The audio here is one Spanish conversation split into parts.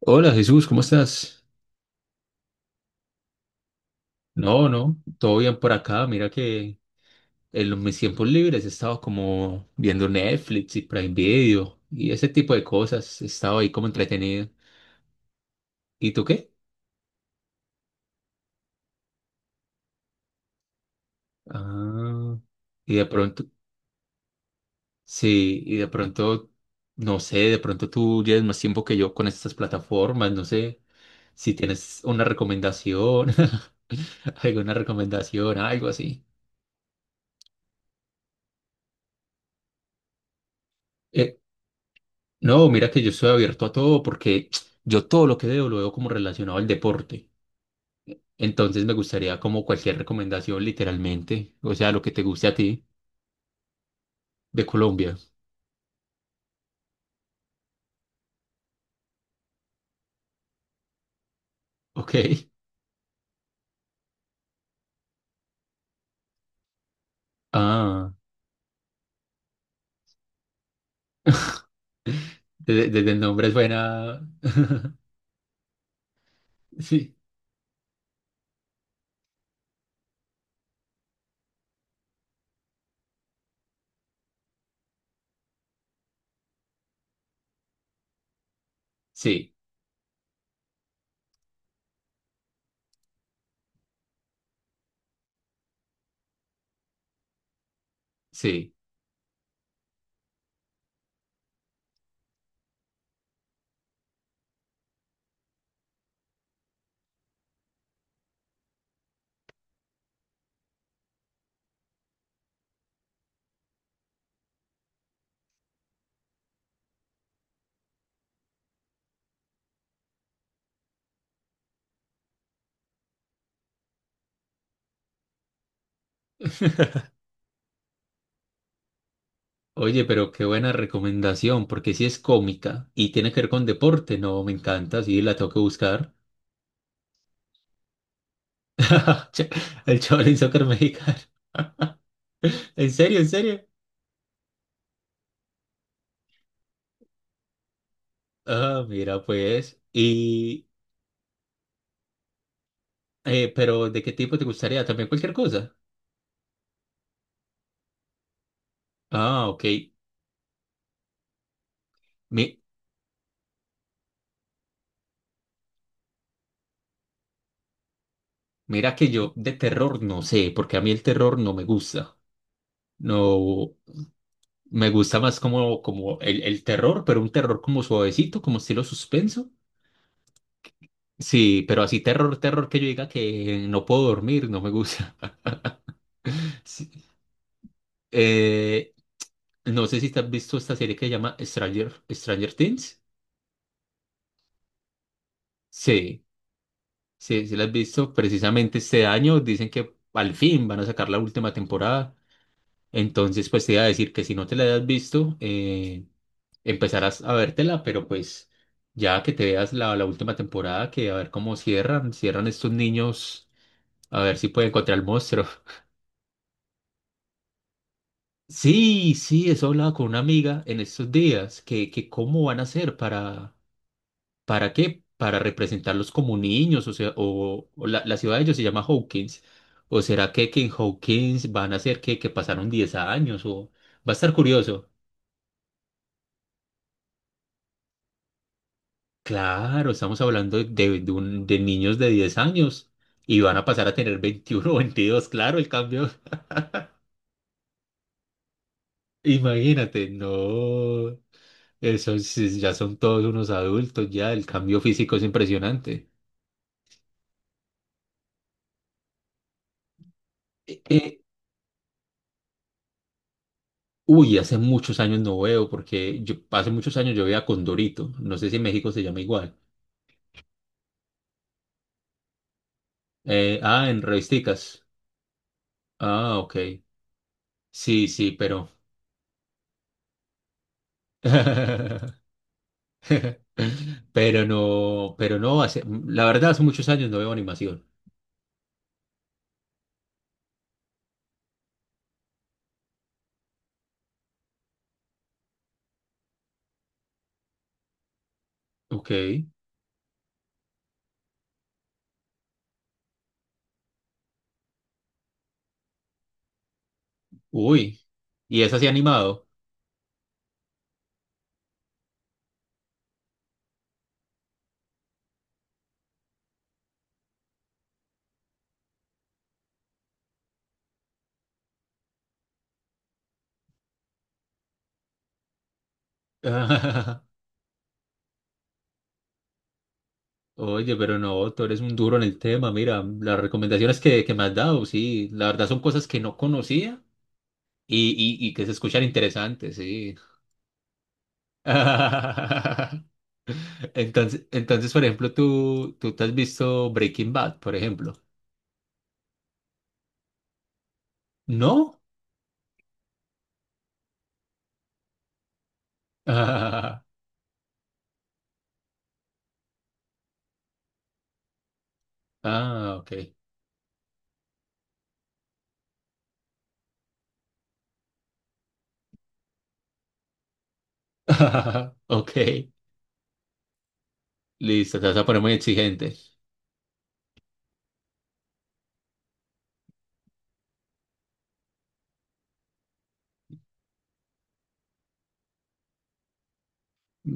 Hola Jesús, ¿cómo estás? No, no, todo bien por acá. Mira que en mis tiempos libres he estado como viendo Netflix y Prime Video y ese tipo de cosas. He estado ahí como entretenido. ¿Y tú qué? Ah, y de pronto, sí, y de pronto, no sé, de pronto tú llevas más tiempo que yo con estas plataformas. No sé si tienes una recomendación, alguna recomendación, algo así. Eh, No, mira que yo estoy abierto a todo porque yo todo lo que veo lo veo como relacionado al deporte. Entonces me gustaría como cualquier recomendación literalmente, o sea, lo que te guste a ti de Colombia. Ok. Ah, desde, desde el nombre suena. Sí, sí, sí. Oye, pero qué buena recomendación porque si es cómica y tiene que ver con deporte, no, me encanta, sí, la tengo que buscar. El Shaolin Soccer mexicano. ¿En serio, en serio? Ah, mira, pues. Y, pero ¿de qué tipo te gustaría? ¿También cualquier cosa? Ah, ok. Mi- mira que yo de terror no sé, porque a mí el terror no me gusta. No, me gusta más como, el terror, pero un terror como suavecito, como estilo suspenso. Sí, pero así terror, terror que yo diga que no puedo dormir, no me gusta. Sí. Eh, no sé si te has visto esta serie que se llama Stranger Things. Sí. Sí, sí la has visto precisamente este año. Dicen que al fin van a sacar la última temporada. Entonces, pues te iba a decir que si no te la has visto, empezarás a vértela, pero pues ya que te veas la última temporada, que a ver cómo cierran, cierran estos niños, a ver si pueden encontrar al monstruo. Sí, sí, eso hablaba con una amiga en estos días, que cómo van a hacer para, ¿para qué? Para representarlos como niños, o sea, o la ciudad de ellos se llama Hawkins. ¿O será que en Hawkins van a ser que pasaron 10 años? O va a estar curioso. Claro, estamos hablando de, de niños de 10 años y van a pasar a tener veintiuno, o 22, claro, el cambio. Imagínate, no, esos sí, ya son todos unos adultos, ya el cambio físico es impresionante. Uy, hace muchos años no veo, porque yo, hace muchos años yo veía Condorito. No sé si en México se llama igual. Ah, en revisticas. Ah, ok. Sí, sí, pero. Pero no, hace, la verdad, hace muchos años no veo animación. Ok. Uy. ¿Y es así animado? Oye, pero no, tú eres un duro en el tema. Mira, las recomendaciones que me has dado, sí, la verdad son cosas que no conocía y, y que se escuchan interesantes, sí. Entonces, entonces, por ejemplo, tú te has visto Breaking Bad, por ejemplo. ¿No? Ah, ah, ok. Ok, listo, te vas a poner muy exigente.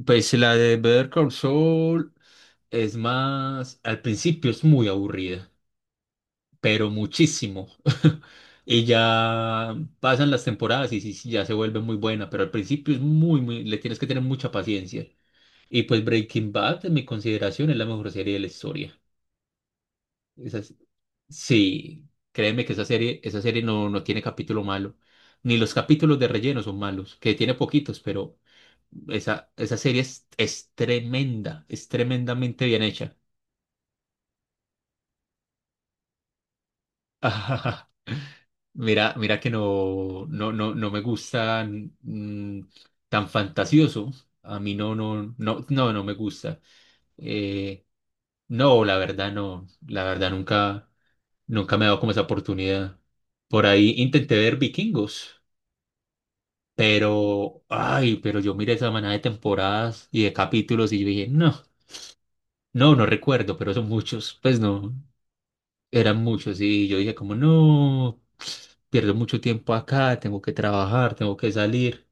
Pues la de Better Call Saul es más, al principio es muy aburrida, pero muchísimo. Y ya pasan las temporadas y sí, sí, ya se vuelve muy buena, pero al principio es muy, muy, le tienes que tener mucha paciencia. Y pues Breaking Bad, en mi consideración, es la mejor serie de la historia. Esa es- sí, créeme que esa serie no, no tiene capítulo malo. Ni los capítulos de relleno son malos, que tiene poquitos, pero esa serie es tremenda, es tremendamente bien hecha. Mira, mira que no, no, no, no me gustan tan fantasioso. A mí no, no, no, no, no me gusta. Eh, no, la verdad no, la verdad nunca. Nunca me he dado como esa oportunidad. Por ahí intenté ver Vikingos, pero, ay, pero yo miré esa manada de temporadas y de capítulos y yo dije, no, no, no recuerdo, pero son muchos. Pues no, eran muchos y yo dije como, no, pierdo mucho tiempo acá, tengo que trabajar, tengo que salir.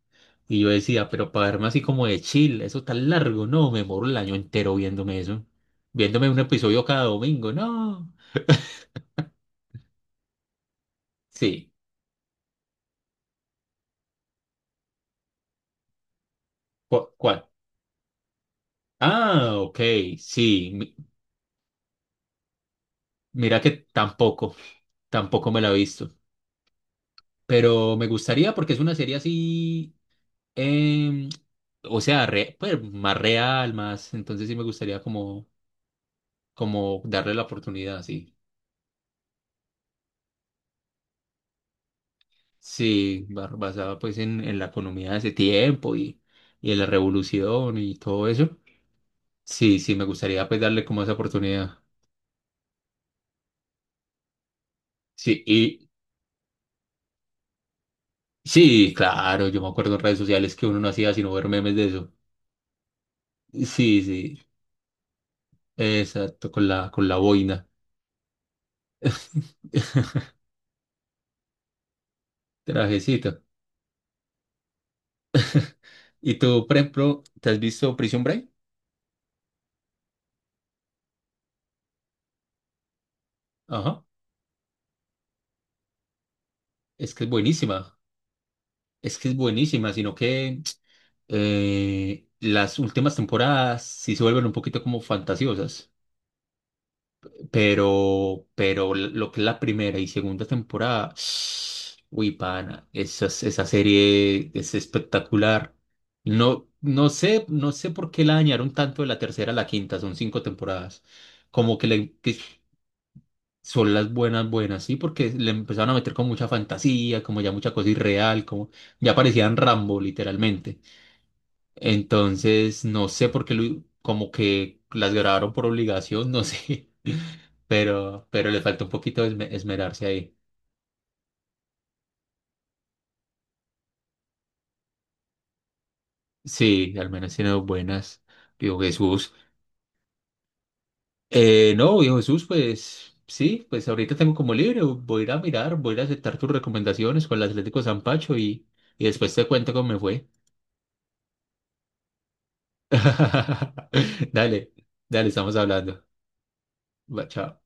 Y yo decía, pero para verme así como de chill, eso tan largo, no, me moro el año entero viéndome eso. Viéndome un episodio cada domingo, no. Sí. ¿Cuál? Ah, ok, sí. Mira que tampoco, tampoco me la he visto, pero me gustaría porque es una serie así, em, o sea, pues, más real, más, entonces sí me gustaría como, como darle la oportunidad, sí, sí, basada pues en la economía de ese tiempo y en la revolución y todo eso, sí, sí, me gustaría pues darle como esa oportunidad, sí, y sí, claro, yo me acuerdo en redes sociales que uno no hacía sino ver memes de eso, sí, sí, exacto, con con la boina. Trajecito. Y tú, por ejemplo, ¿te has visto Prison Break? Ajá. Es que es buenísima. Es que es buenísima, sino que las últimas temporadas sí se vuelven un poquito como fantasiosas. Pero lo que es la primera y segunda temporada, uy, pana, esa serie es espectacular. No, no sé, no sé por qué la dañaron tanto de la tercera a la quinta, son cinco temporadas. Como que que son las buenas, buenas, ¿sí? Porque le empezaron a meter con mucha fantasía, como ya mucha cosa irreal, como ya parecían Rambo, literalmente. Entonces, no sé por qué, como que las grabaron por obligación, no sé, pero le falta un poquito de esmerarse ahí. Sí, al menos tiene dos buenas, digo Jesús. No, viejo Jesús, pues sí, pues ahorita tengo como libre, voy a ir a mirar, voy a ir a aceptar tus recomendaciones con el Atlético San Pacho y después te cuento cómo me fue. Dale, dale, estamos hablando. Va, chao.